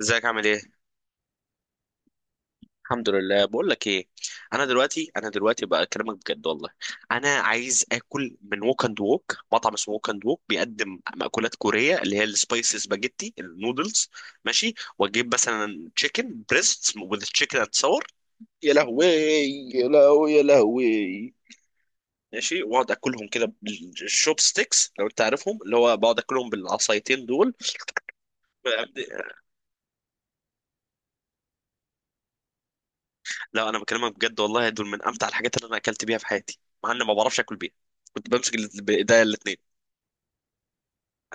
ازيك؟ عامل ايه؟ الحمد لله. بقول لك ايه، انا دلوقتي بقى اكلمك بجد والله. انا عايز اكل من ووك اند ووك، مطعم اسمه ووك اند ووك، بيقدم مأكولات كوريه اللي هي السبايسي سباجيتي النودلز. ماشي، واجيب مثلا تشيكن بريست وذ تشيكن اند صور. يا لهوي يا لهوي يا لهوي. ماشي، واقعد اكلهم كده بالشوب ستيكس لو انت عارفهم، اللي هو بقعد اكلهم بالعصايتين دول. لا، انا بكلمك بجد والله، دول من امتع الحاجات اللي انا اكلت بيها في حياتي. مع اني ما بعرفش اكل بيها. كنت بمسك بايديا الاثنين.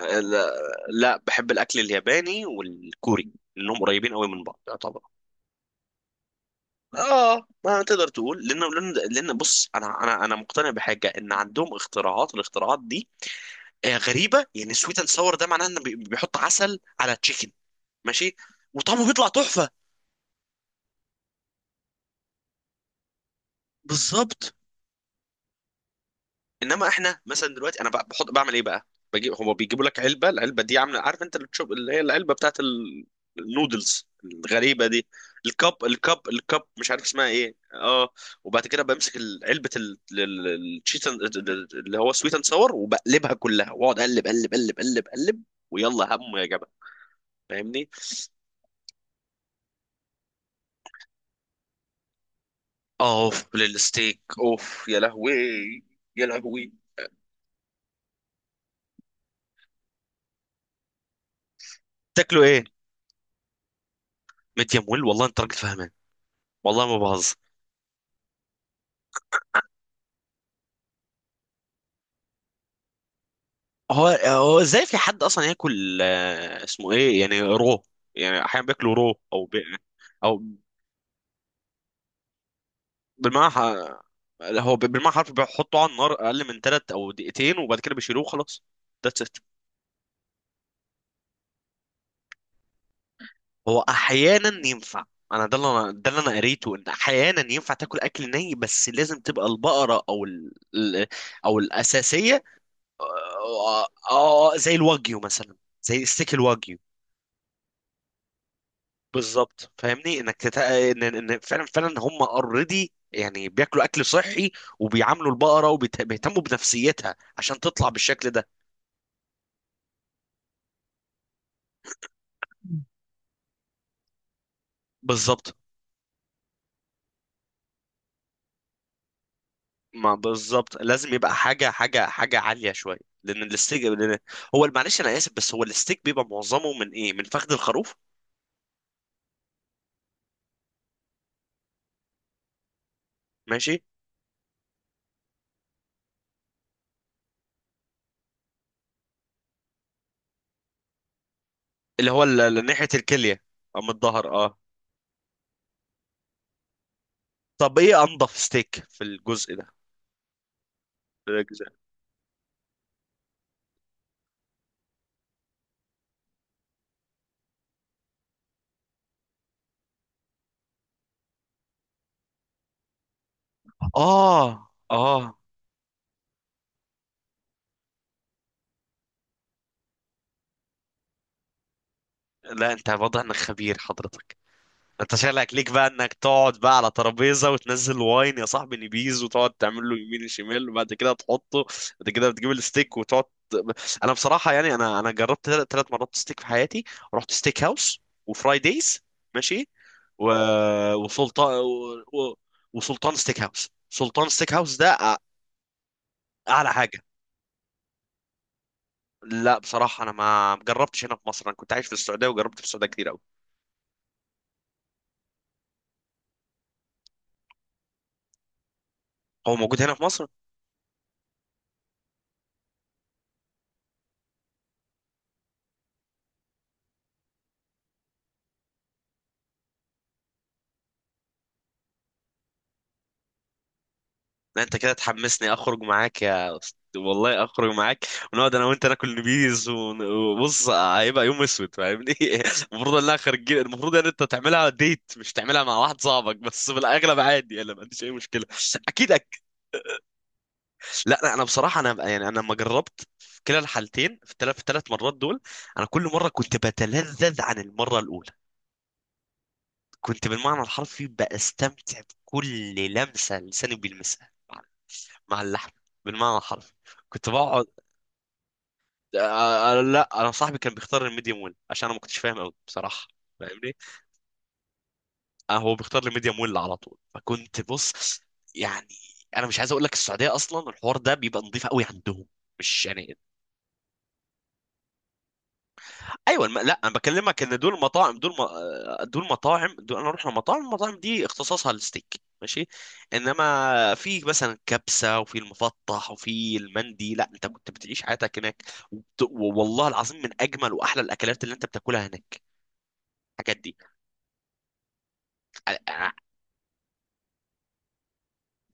لا, لا، بحب الاكل الياباني والكوري لانهم قريبين قوي من بعض يعتبر. اه، ما تقدر تقول، لان لان لأن بص، انا مقتنع بحاجه، ان عندهم اختراعات، والاختراعات دي غريبه، يعني سويت اند ساور ده معناه انه بيحط عسل على تشيكن. ماشي، وطعمه بيطلع تحفه. بالظبط. انما احنا مثلا دلوقتي انا بحط، بعمل ايه بقى؟ بجيب، هما بيجيبوا لك علبه، العلبه دي عامله، عارف انت اللي تشوف، اللي هي العلبه بتاعت النودلز الغريبه دي. الكب مش عارف اسمها ايه، اه. وبعد كده بمسك علبه الشيت اللي هو سويت اند ساور، وبقلبها كلها واقعد اقلب اقلب اقلب اقلب اقلب. ويلا هم يا جماعه. فاهمني؟ اوف للستيك، اوف، يا لهوي يا لهوي. تاكلوا ايه؟ ميديم ويل، والله انت راجل فاهمان، والله ما بهزر. هو ازاي في حد اصلا ياكل، اسمه ايه يعني، رو؟ يعني احيانا بياكلوا رو او بي. او بالمعنى ح- هو بالمعنى حرف بيحطوا على النار اقل من ثلاث او دقيقتين وبعد كده بيشيلوه وخلاص. ذاتس ات. هو احيانا ينفع. انا ده اللي انا، ده اللي انا قريته ان احيانا ينفع تاكل اكل ني، بس لازم تبقى البقره او او الاساسيه. آه، آه، آه، زي الواجيو مثلا، زي ستيك الواجيو. بالظبط، فاهمني انك ان فعلا فعلا هم اوريدي يعني، بياكلوا اكل صحي. وبيعاملوا البقره وبيهتموا بنفسيتها عشان تطلع بالشكل ده. بالظبط. ما بالظبط، لازم يبقى حاجه حاجه عاليه شويه. لان الستيك، لأن، هو معلش انا اسف، بس هو الستيك بيبقى معظمه من ايه، من فخذ الخروف. ماشي، اللي هو ناحيه الكليه، او من الظهر، اه. طب ايه انضف ستيك في الجزء ده، في الجزء؟ اه اه. لا، انت واضح انك خبير حضرتك. انت شغلك ليك بقى انك تقعد بقى على ترابيزه وتنزل واين يا صاحبي نبيز وتقعد تعمل له يمين شمال وبعد كده تحطه. بعد كده بتجيب الستيك وتقعد. انا بصراحه يعني، انا جربت 3 مرات ستيك في حياتي. رحت ستيك هاوس وفرايديز. ماشي. و... وسلطان و... و... وسلطان ستيك هاوس، سلطان ستيك هاوس ده اعلى حاجه. لا بصراحه، انا ما جربتش هنا في مصر، انا كنت عايش في السعوديه وجربت في السعوديه كتير قوي. هو موجود هنا في مصر؟ لا، انت كده تحمسني اخرج معاك يا والله اخرج معاك. ونقعد انا وانت ناكل بيز وبص، هيبقى يوم اسود، فاهمني؟ المفروض انها خارجين، المفروض ان انت تعملها ديت، مش تعملها مع واحد صاحبك، بس في الاغلب عادي، انا ما عنديش اي مشكله. اكيد لا لا، انا بصراحه، انا يعني انا لما جربت في كلا الحالتين، في في الثلاث مرات دول، انا كل مره كنت بتلذذ عن المره الاولى. كنت بالمعنى الحرفي بستمتع بكل لمسه لساني بيلمسها مع مع اللحم، بالمعنى الحرفي. كنت بقعد. آه، لا، انا صاحبي كان بيختار الميديوم ويل عشان انا ما كنتش فاهم قوي بصراحه. فاهمني؟ هو بيختار الميديوم ويل على طول، فكنت بص. يعني انا مش عايز اقول لك، السعوديه اصلا الحوار ده بيبقى نظيف قوي عندهم، مش يعني. ايوه، لا، انا بكلمك ان دول مطاعم، دول م... آه، دول مطاعم، دول انا اروح لمطاعم، المطاعم دي اختصاصها الستيك. ماشي. انما في مثلا كبسه وفي المفطح وفي المندي، لا، انت كنت بتعيش حياتك هناك. والله العظيم من اجمل واحلى الاكلات اللي انت بتاكلها هناك الحاجات دي.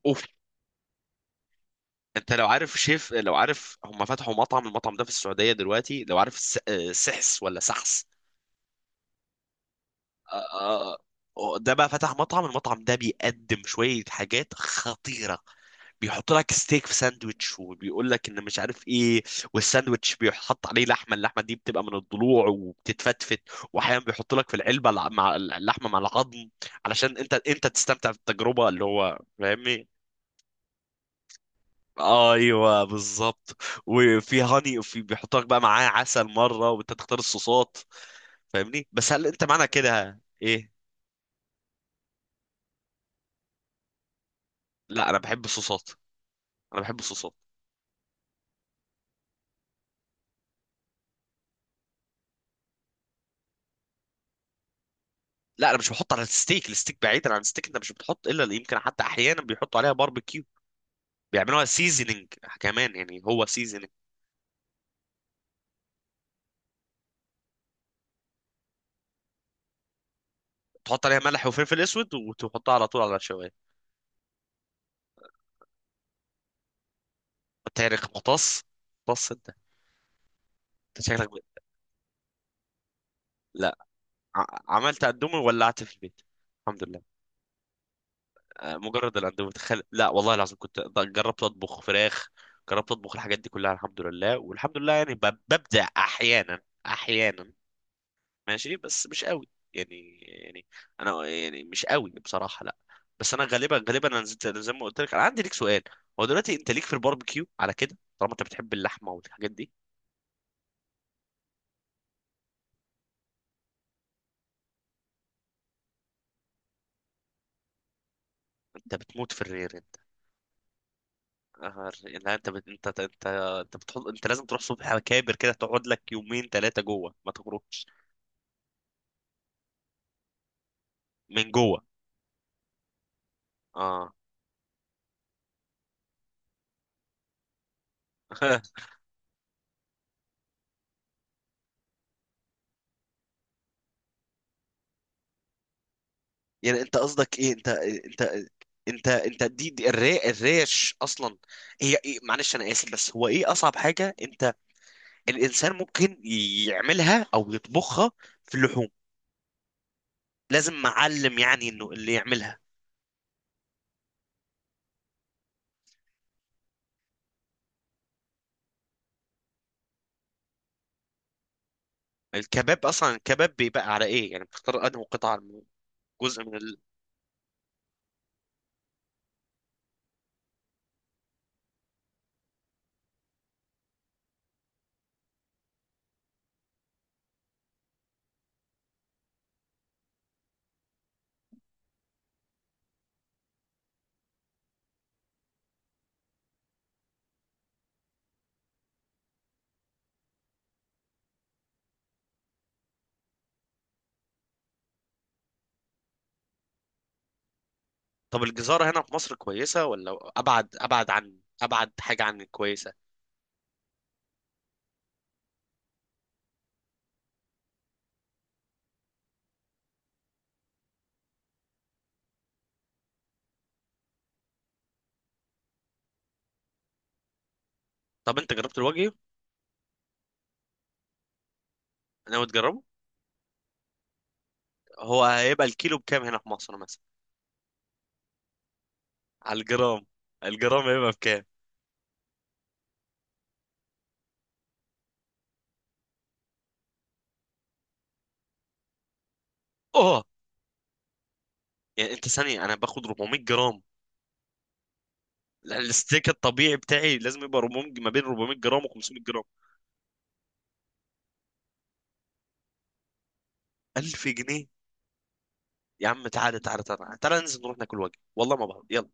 اوف. انت لو عارف شيف، لو عارف هم فتحوا مطعم، المطعم ده في السعوديه دلوقتي، لو عارف سحس، ولا سحس؟ آه، آه، ده بقى فتح مطعم، المطعم ده بيقدم شويه حاجات خطيره. بيحط لك ستيك في ساندوتش وبيقول لك ان مش عارف ايه. والساندوتش بيحط عليه لحمه، اللحمه دي بتبقى من الضلوع وبتتفتفت. واحيانا بيحط لك في العلبه مع اللحمه مع العظم، علشان انت تستمتع بالتجربه، اللي هو فاهمني. ايوه بالظبط. وفي هاني، وفي بيحط لك بقى معاه عسل مره، وانت تختار الصوصات، فاهمني؟ بس هل انت معنى كده ايه؟ لا، انا بحب الصوصات، انا بحب الصوصات. لا، انا مش بحط على الستيك، الستيك بعيدا عن الستيك انت مش بتحط، الا اللي يمكن حتى احيانا بيحطوا عليها باربيكيو، بيعملوها سيزنينج كمان، يعني هو سيزنينج. تحط عليها ملح وفلفل اسود وتحطها على طول على الشوايه. انت يا ريخ مقص، مقص انت، انت شكلك لا. ع- عملت قدومي وولعت في البيت، الحمد لله. مجرد الاندومي، تخيل. لا والله العظيم كنت جربت اطبخ فراخ، جربت اطبخ الحاجات دي كلها، الحمد لله. والحمد لله يعني ببدع احيانا، احيانا. ماشي بس مش قوي، يعني انا يعني مش قوي بصراحه، لا. بس انا غالبا غالبا انا زي ما قلت لك. انا عندي ليك سؤال. هو دلوقتي انت ليك في الباربيكيو على كده، طالما انت بتحب اللحمه والحاجات دي؟ انت بتموت في الرير انت. لا، انت انت بتحط، انت لازم تروح صبح على كابر كده، تقعد لك يومين ثلاثه جوه ما تخرجش. من جوه، اه. يعني انت قصدك ايه؟ انت دي, دي الريش اصلا، هي ايه؟ معلش انا اسف، بس هو ايه اصعب حاجه انت، الانسان ممكن يعملها او يطبخها في اللحوم، لازم معلم يعني انه اللي يعملها؟ الكباب اصلا، الكباب بيبقى على ايه يعني، بتختار انه قطعه من، جزء من طب الجزاره هنا في مصر كويسه ولا ابعد، ابعد عن ابعد حاجه عن الكويسه؟ طب انت جربت الوجه؟ ناوي تجربه؟ هو هيبقى الكيلو بكام هنا في مصر مثلا؟ على الجرام، الجرام هيبقى بكام؟ اه، يعني انت ثانيه، انا باخد 400 جرام. لا، الستيك الطبيعي بتاعي لازم يبقى 400، ما بين 400 جرام و 500 جرام. 1000 جنيه. يا عم تعالى تعالى تعالى تعالى، ننزل نروح ناكل وجبه، والله ما بعرف. يلا.